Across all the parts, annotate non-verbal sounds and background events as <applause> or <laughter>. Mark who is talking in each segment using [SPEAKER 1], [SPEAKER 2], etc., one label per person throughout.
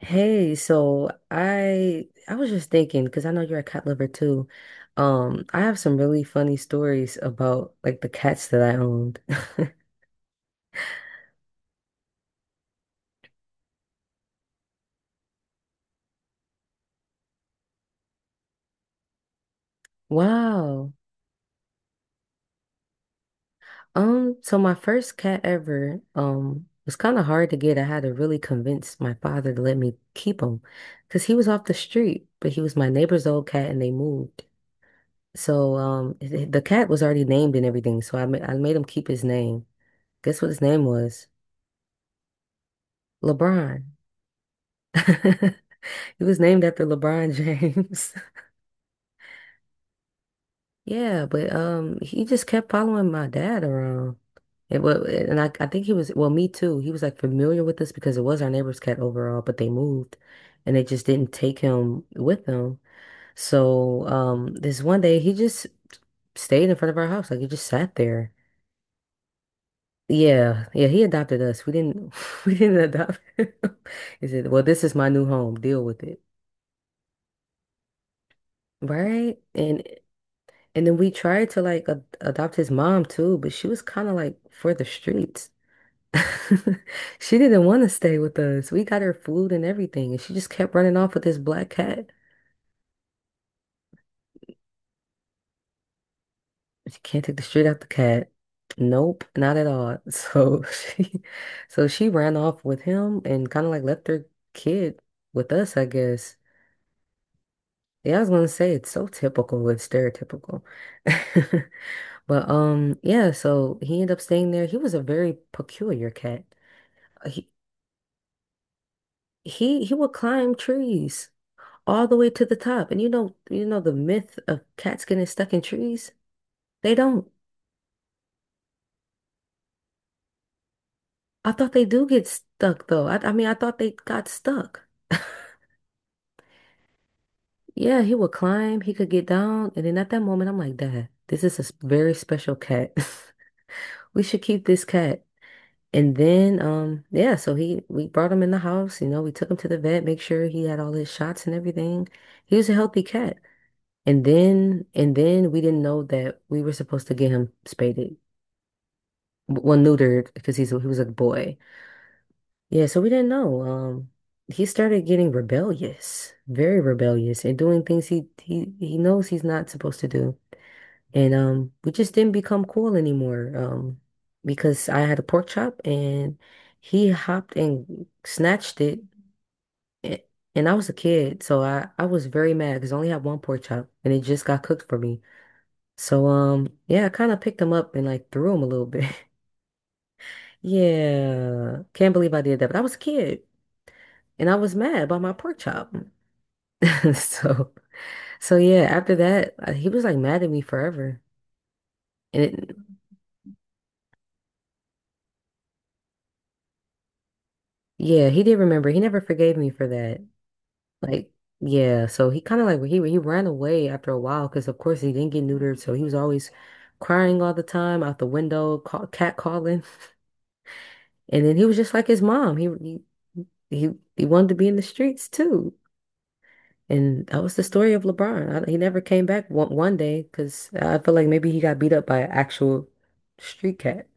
[SPEAKER 1] Hey, so I was just thinking because I know you're a cat lover too. I have some really funny stories about like the cats that I owned. <laughs> Wow. So my first cat ever, was kind of hard to get. I had to really convince my father to let me keep him because he was off the street, but he was my neighbor's old cat and they moved. The cat was already named and everything, so I made him keep his name. Guess what his name was? LeBron. <laughs> He was named after LeBron James. <laughs> Yeah, but he just kept following my dad around. It was, and I think he was, well, me too. He was like familiar with us because it was our neighbor's cat overall, but they moved and they just didn't take him with them. So, this one day he just stayed in front of our house. Like he just sat there. Yeah, yeah, he adopted us. We didn't, <laughs> we didn't adopt him. <laughs> He said, well, this is my new home. Deal with it. Right? And then we tried to like ad adopt his mom too, but she was kind of like for the streets. <laughs> She didn't want to stay with us. We got her food and everything, and she just kept running off with this black cat. She can't take the street out the cat. Nope, not at all. <laughs> So she ran off with him and kind of like left her kid with us, I guess. Yeah, I was gonna say it's so typical, it's stereotypical. <laughs> But yeah, so he ended up staying there. He was a very peculiar cat. He, he would climb trees all the way to the top. And you know the myth of cats getting stuck in trees? They don't. I thought they do get stuck though. I mean, I thought they got stuck. <laughs> Yeah, he would climb, he could get down, and then at that moment I'm like, Dad, this is a s- very special cat. <laughs> We should keep this cat. And then yeah, so he we brought him in the house, you know, we took him to the vet, make sure he had all his shots and everything. He was a healthy cat. And then we didn't know that we were supposed to get him spaded. Well, neutered because he was a boy. Yeah, so we didn't know. He started getting rebellious, very rebellious, and doing things he knows he's not supposed to do. And we just didn't become cool anymore. Because I had a pork chop and he hopped and snatched it. a- And I was a kid, so I was very mad because I only had one pork chop and it just got cooked for me. So yeah, I kind of picked them up and like threw them a little bit. <laughs> Yeah, can't believe I did that, but I was a kid and I was mad about my pork chop. <laughs> So so yeah, after that, he was like mad at me forever. And it, yeah, he did remember. He never forgave me for that. Like yeah, so he kind of like he ran away after a while because of course he didn't get neutered, so he was always crying all the time out the window, cat calling. <laughs> And then he was just like his mom. He, he wanted to be in the streets too. And that was the story of LeBron. He never came back one day because I feel like maybe he got beat up by an actual street cat.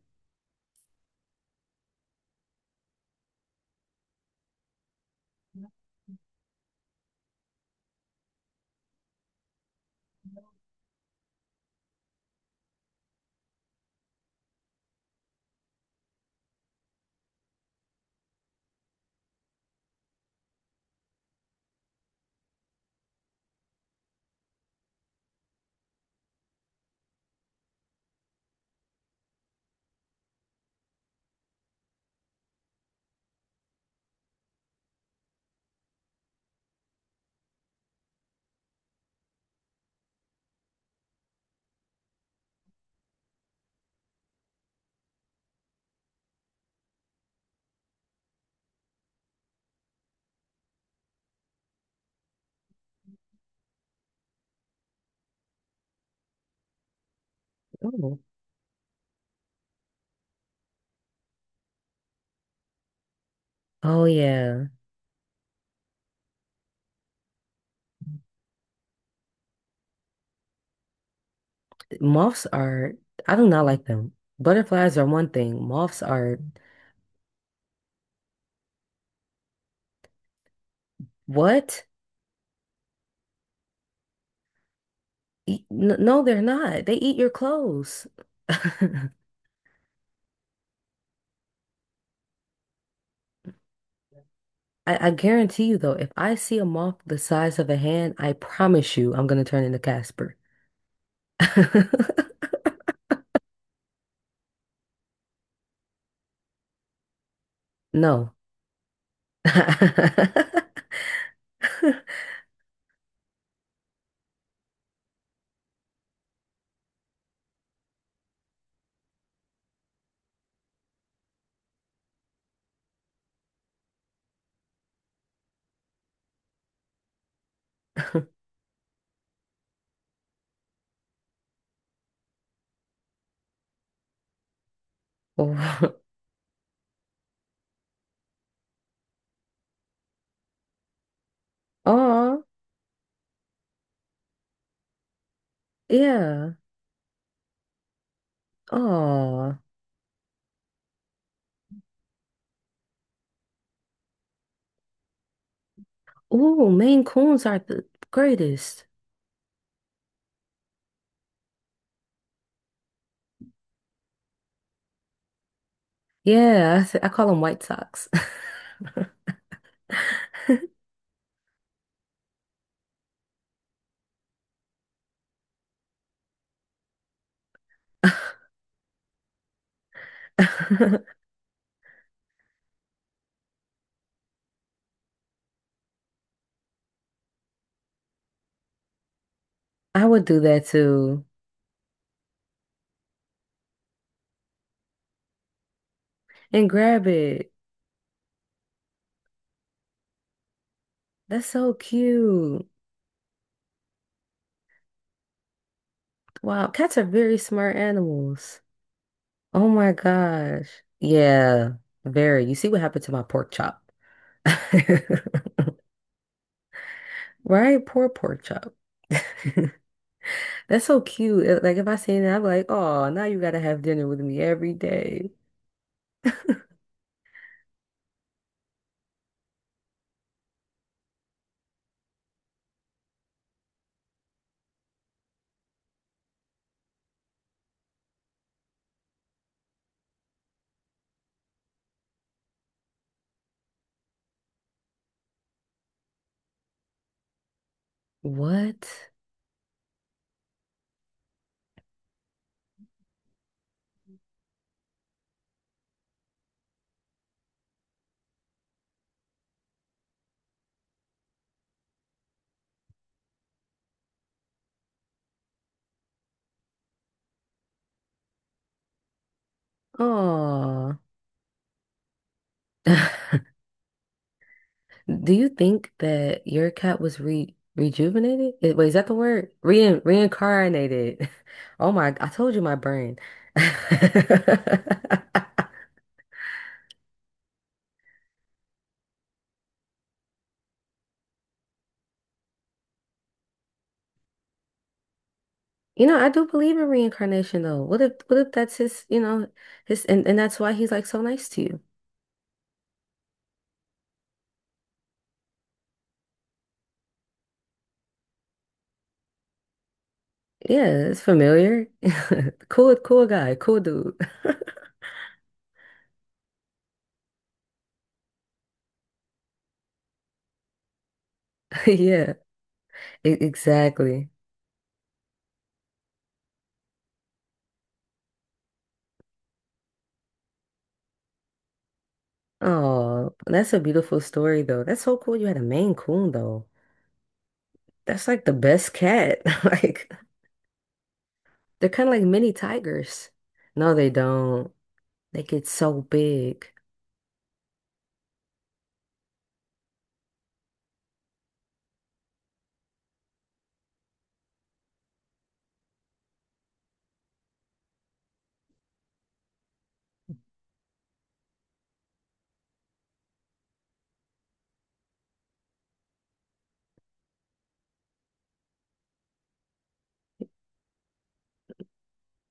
[SPEAKER 1] Oh. Oh yeah. Moths are I do not like them. Butterflies are one thing. Moths are what? No, they're not. They eat your clothes. <laughs> I, I guarantee you though, if I see a moth the size of a hand, I promise you I'm gonna turn into Casper. <laughs> No. <laughs> Oh, aw, yeah. Oh, ooh, Maine Coons are the greatest. Yeah, I call them White socks. <laughs> I would do that too. And grab it. That's so cute. Wow, cats are very smart animals. Oh my gosh. Yeah, very. You see what happened to my pork chop. <laughs> Right? Poor pork chop. <laughs> That's so cute. Like if I seen that, I'm like, oh, now you gotta have dinner with me every day. What? Oh. <laughs> Do you think that your cat was re rejuvenated? Eh, wait, is that the word? Re Reincarnated. <laughs> Oh my, I told you my brain. <laughs> You know, I do believe in reincarnation though. What if that's his, you know, and that's why he's like so nice to you? Yeah, it's familiar. <laughs> Cool, cool guy, cool dude. <laughs> Yeah. Exactly. Oh, that's a beautiful story though. That's so cool you had a Maine Coon though. That's like the best cat. <laughs> Like they're kind of like mini tigers. No, they don't. They get so big.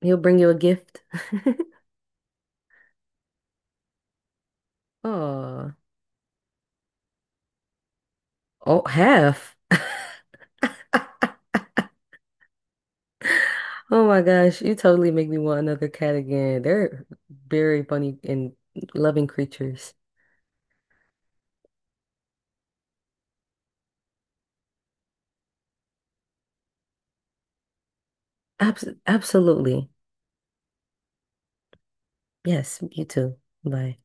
[SPEAKER 1] He'll bring you a gift. Oh, oh, half. Oh my gosh, you totally make me want another cat again. They're very funny and loving creatures. Absolutely. Yes, you too. Bye.